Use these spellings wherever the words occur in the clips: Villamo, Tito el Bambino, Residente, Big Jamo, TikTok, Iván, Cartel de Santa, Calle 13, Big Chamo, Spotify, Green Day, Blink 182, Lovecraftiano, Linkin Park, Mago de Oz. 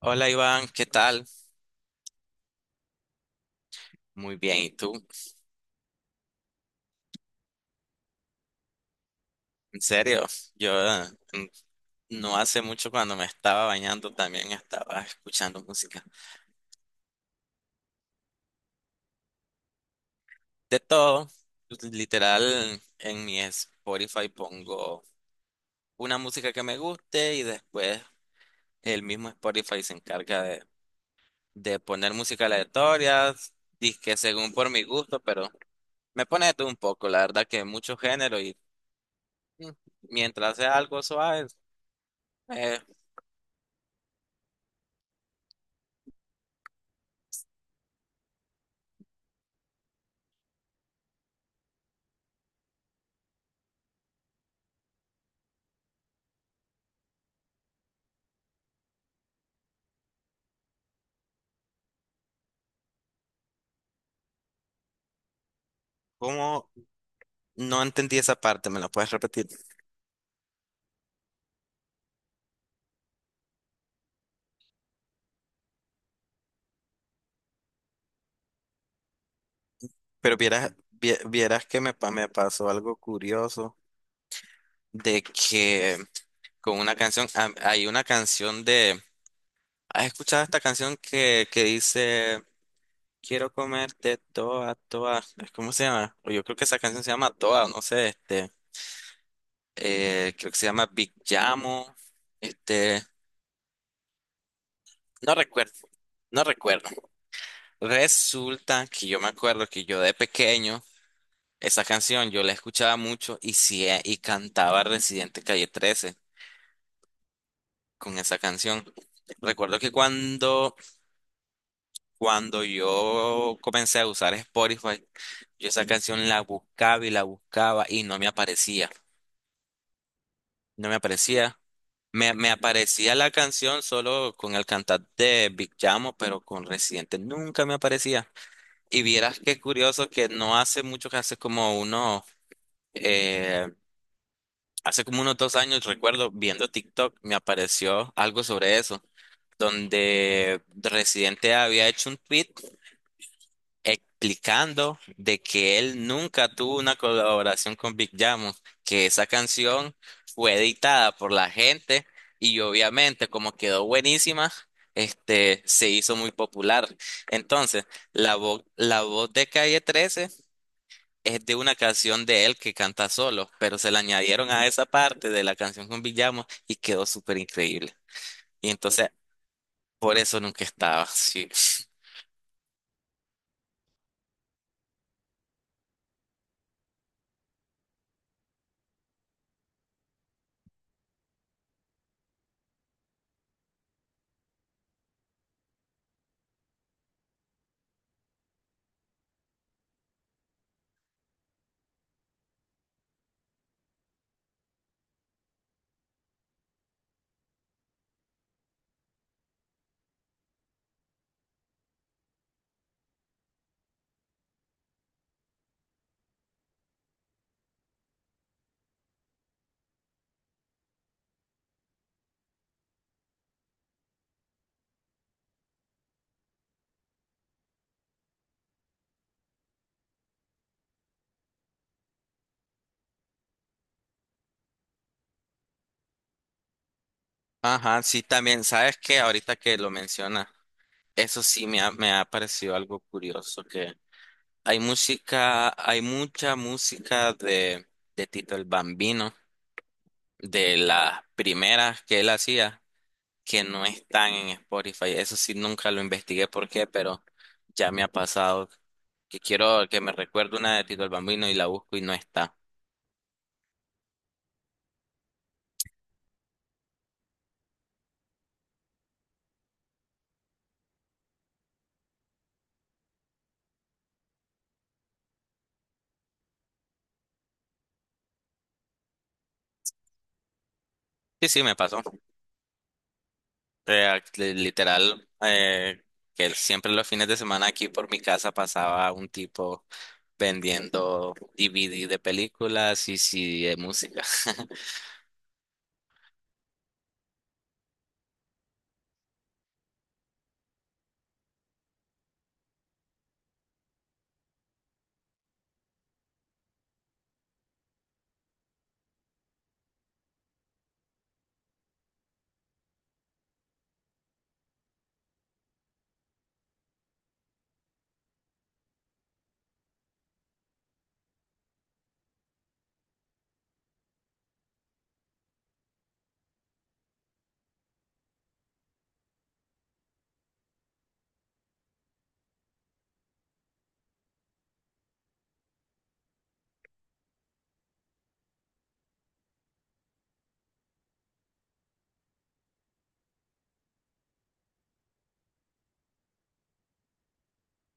Hola Iván, ¿qué tal? Muy bien, ¿y tú? En serio, yo no hace mucho cuando me estaba bañando también estaba escuchando música. De todo, literal, en mi Spotify pongo una música que me guste y después el mismo Spotify se encarga de poner música aleatoria, que según por mi gusto, pero me pone de todo un poco, la verdad que mucho género y mm, mientras sea algo suave, eh, como no entendí esa parte, ¿me la puedes repetir? Pero vieras que me pasó algo curioso de que con una canción, ah, hay una canción de, ¿has escuchado esta canción que dice, quiero comerte toda, toda? ¿Cómo se llama? O yo creo que esa canción se llama Toda, no sé, este, creo que se llama Big Llamo, este, no recuerdo, no recuerdo. Resulta que yo me acuerdo que yo de pequeño esa canción yo la escuchaba mucho y, sí, y cantaba Residente Calle trece con esa canción. Recuerdo que cuando, cuando yo comencé a usar Spotify, yo esa canción la buscaba y no me aparecía. No me aparecía. Me aparecía la canción solo con el cantante de Big Chamo, pero con Residente nunca me aparecía. Y vieras qué curioso que no hace mucho que hace como uno eh, hace como unos dos años, recuerdo, viendo TikTok, me apareció algo sobre eso, donde Residente había hecho un tweet explicando de que él nunca tuvo una colaboración con Big Jamo, que esa canción fue editada por la gente y obviamente como quedó buenísima, este, se hizo muy popular. Entonces, la voz de Calle 13 es de una canción de él que canta solo, pero se la añadieron a esa parte de la canción con Villamo y quedó súper increíble. Y entonces, por eso nunca estaba, sí. Ajá, sí, también, sabes que ahorita que lo menciona, eso sí me ha parecido algo curioso, que hay música, hay mucha música de Tito el Bambino, de las primeras que él hacía, que no están en Spotify. Eso sí, nunca lo investigué por qué, pero ya me ha pasado que quiero que me recuerde una de Tito el Bambino y la busco y no está. Sí, sí, me pasó. Literal, que siempre los fines de semana aquí por mi casa pasaba un tipo vendiendo DVD de películas y sí de música.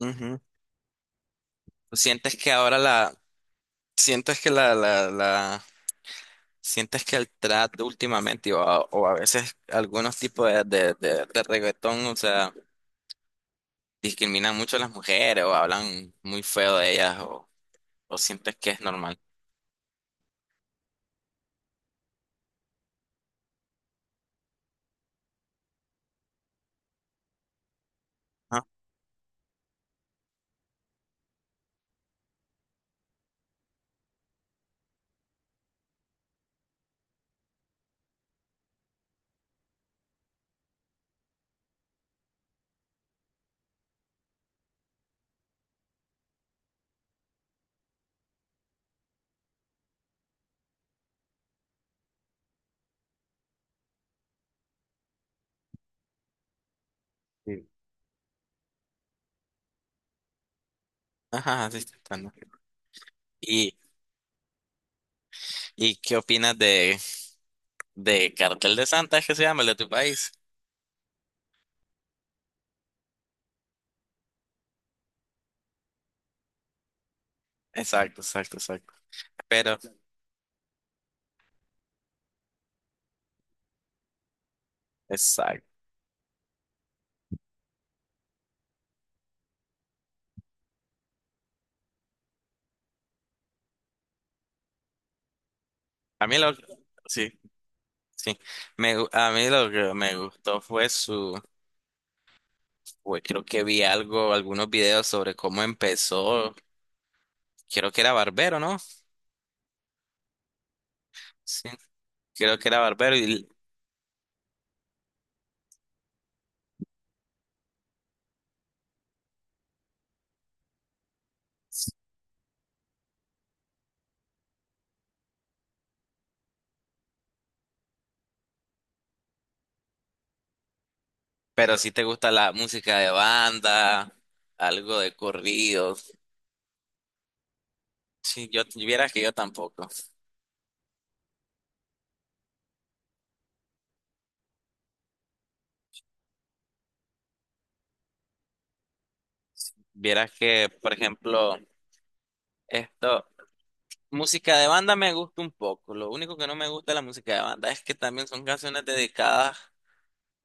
Ujú. ¿Sientes que ahora sientes que la, la, la sientes que el trap últimamente o a veces algunos tipos de reggaetón, o sea, discriminan mucho a las mujeres o hablan muy feo de ellas o sientes que es normal? Ajá, sí. Ajá, sí, está tratando. ¿Y, y qué opinas de Cartel de Santa, es que se llama el de tu país? Exacto, exacto, exacto. Pero, exacto. A mí lo, sí, sí. A mí lo que me gustó fue su, fue- creo que vi algo, algunos videos sobre cómo empezó. Creo que era barbero, ¿no? Sí, creo que era barbero. Y pero si te gusta la música de banda, algo de corridos. Sí, yo vieras que yo tampoco. Vieras que, por ejemplo, esto, música de banda me gusta un poco. Lo único que no me gusta de la música de banda es que también son canciones dedicadas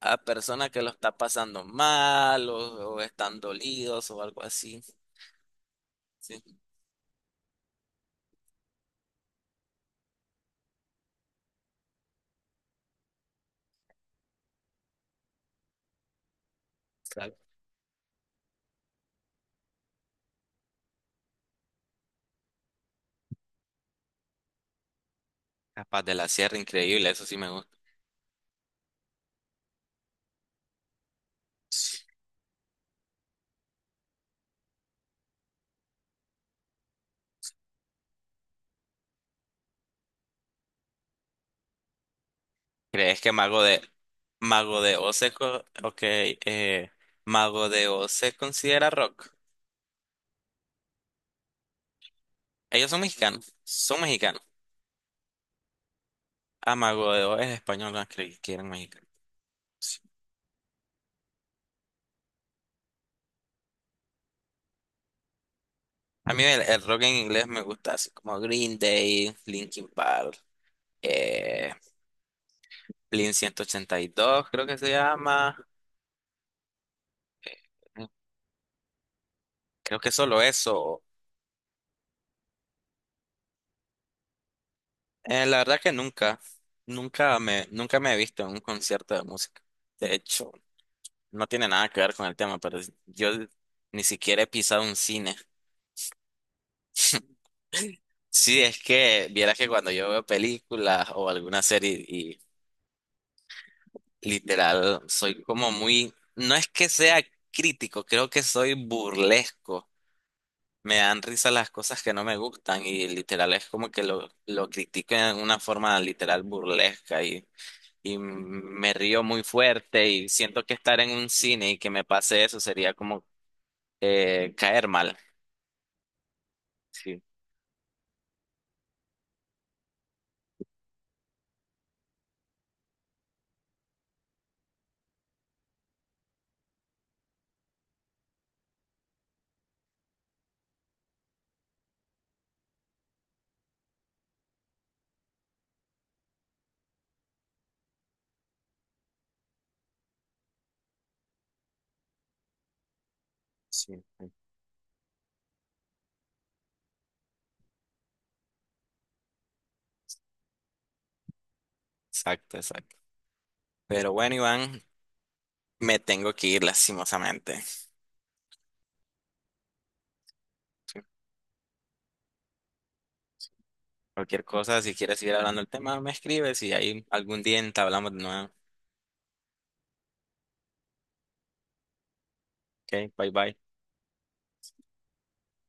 a personas que lo están pasando mal o están dolidos o algo así. Sí. Claro. Capaz de la Sierra, increíble, eso sí me gusta. ¿Crees que Mago de Oz se co- ok, Mago de Oz se considera rock? Ellos son mexicanos, son mexicanos. Ah, Mago de Oz es español, no creí que eran mexicanos. Sí. A mí el rock en inglés me gusta, así como Green Day, Linkin Park, eh, Blink 182 creo que se llama. Creo que solo eso. La verdad que nunca, nunca me he visto en un concierto de música. De hecho, no tiene nada que ver con el tema, pero yo ni siquiera he pisado un cine. Sí, es que vieras que cuando yo veo películas o alguna serie y literal soy como muy, no es que sea crítico, creo que soy burlesco. Me dan risa las cosas que no me gustan y literal es como que lo critico en una forma literal burlesca y me río muy fuerte y siento que estar en un cine y que me pase eso sería como caer mal. Sí, sí. Exacto, exacto. Pero bueno, Iván, me tengo que ir lastimosamente. Cualquier cosa, si quieres seguir hablando del tema, me escribes y ahí algún día entablamos de nuevo. Ok, bye bye.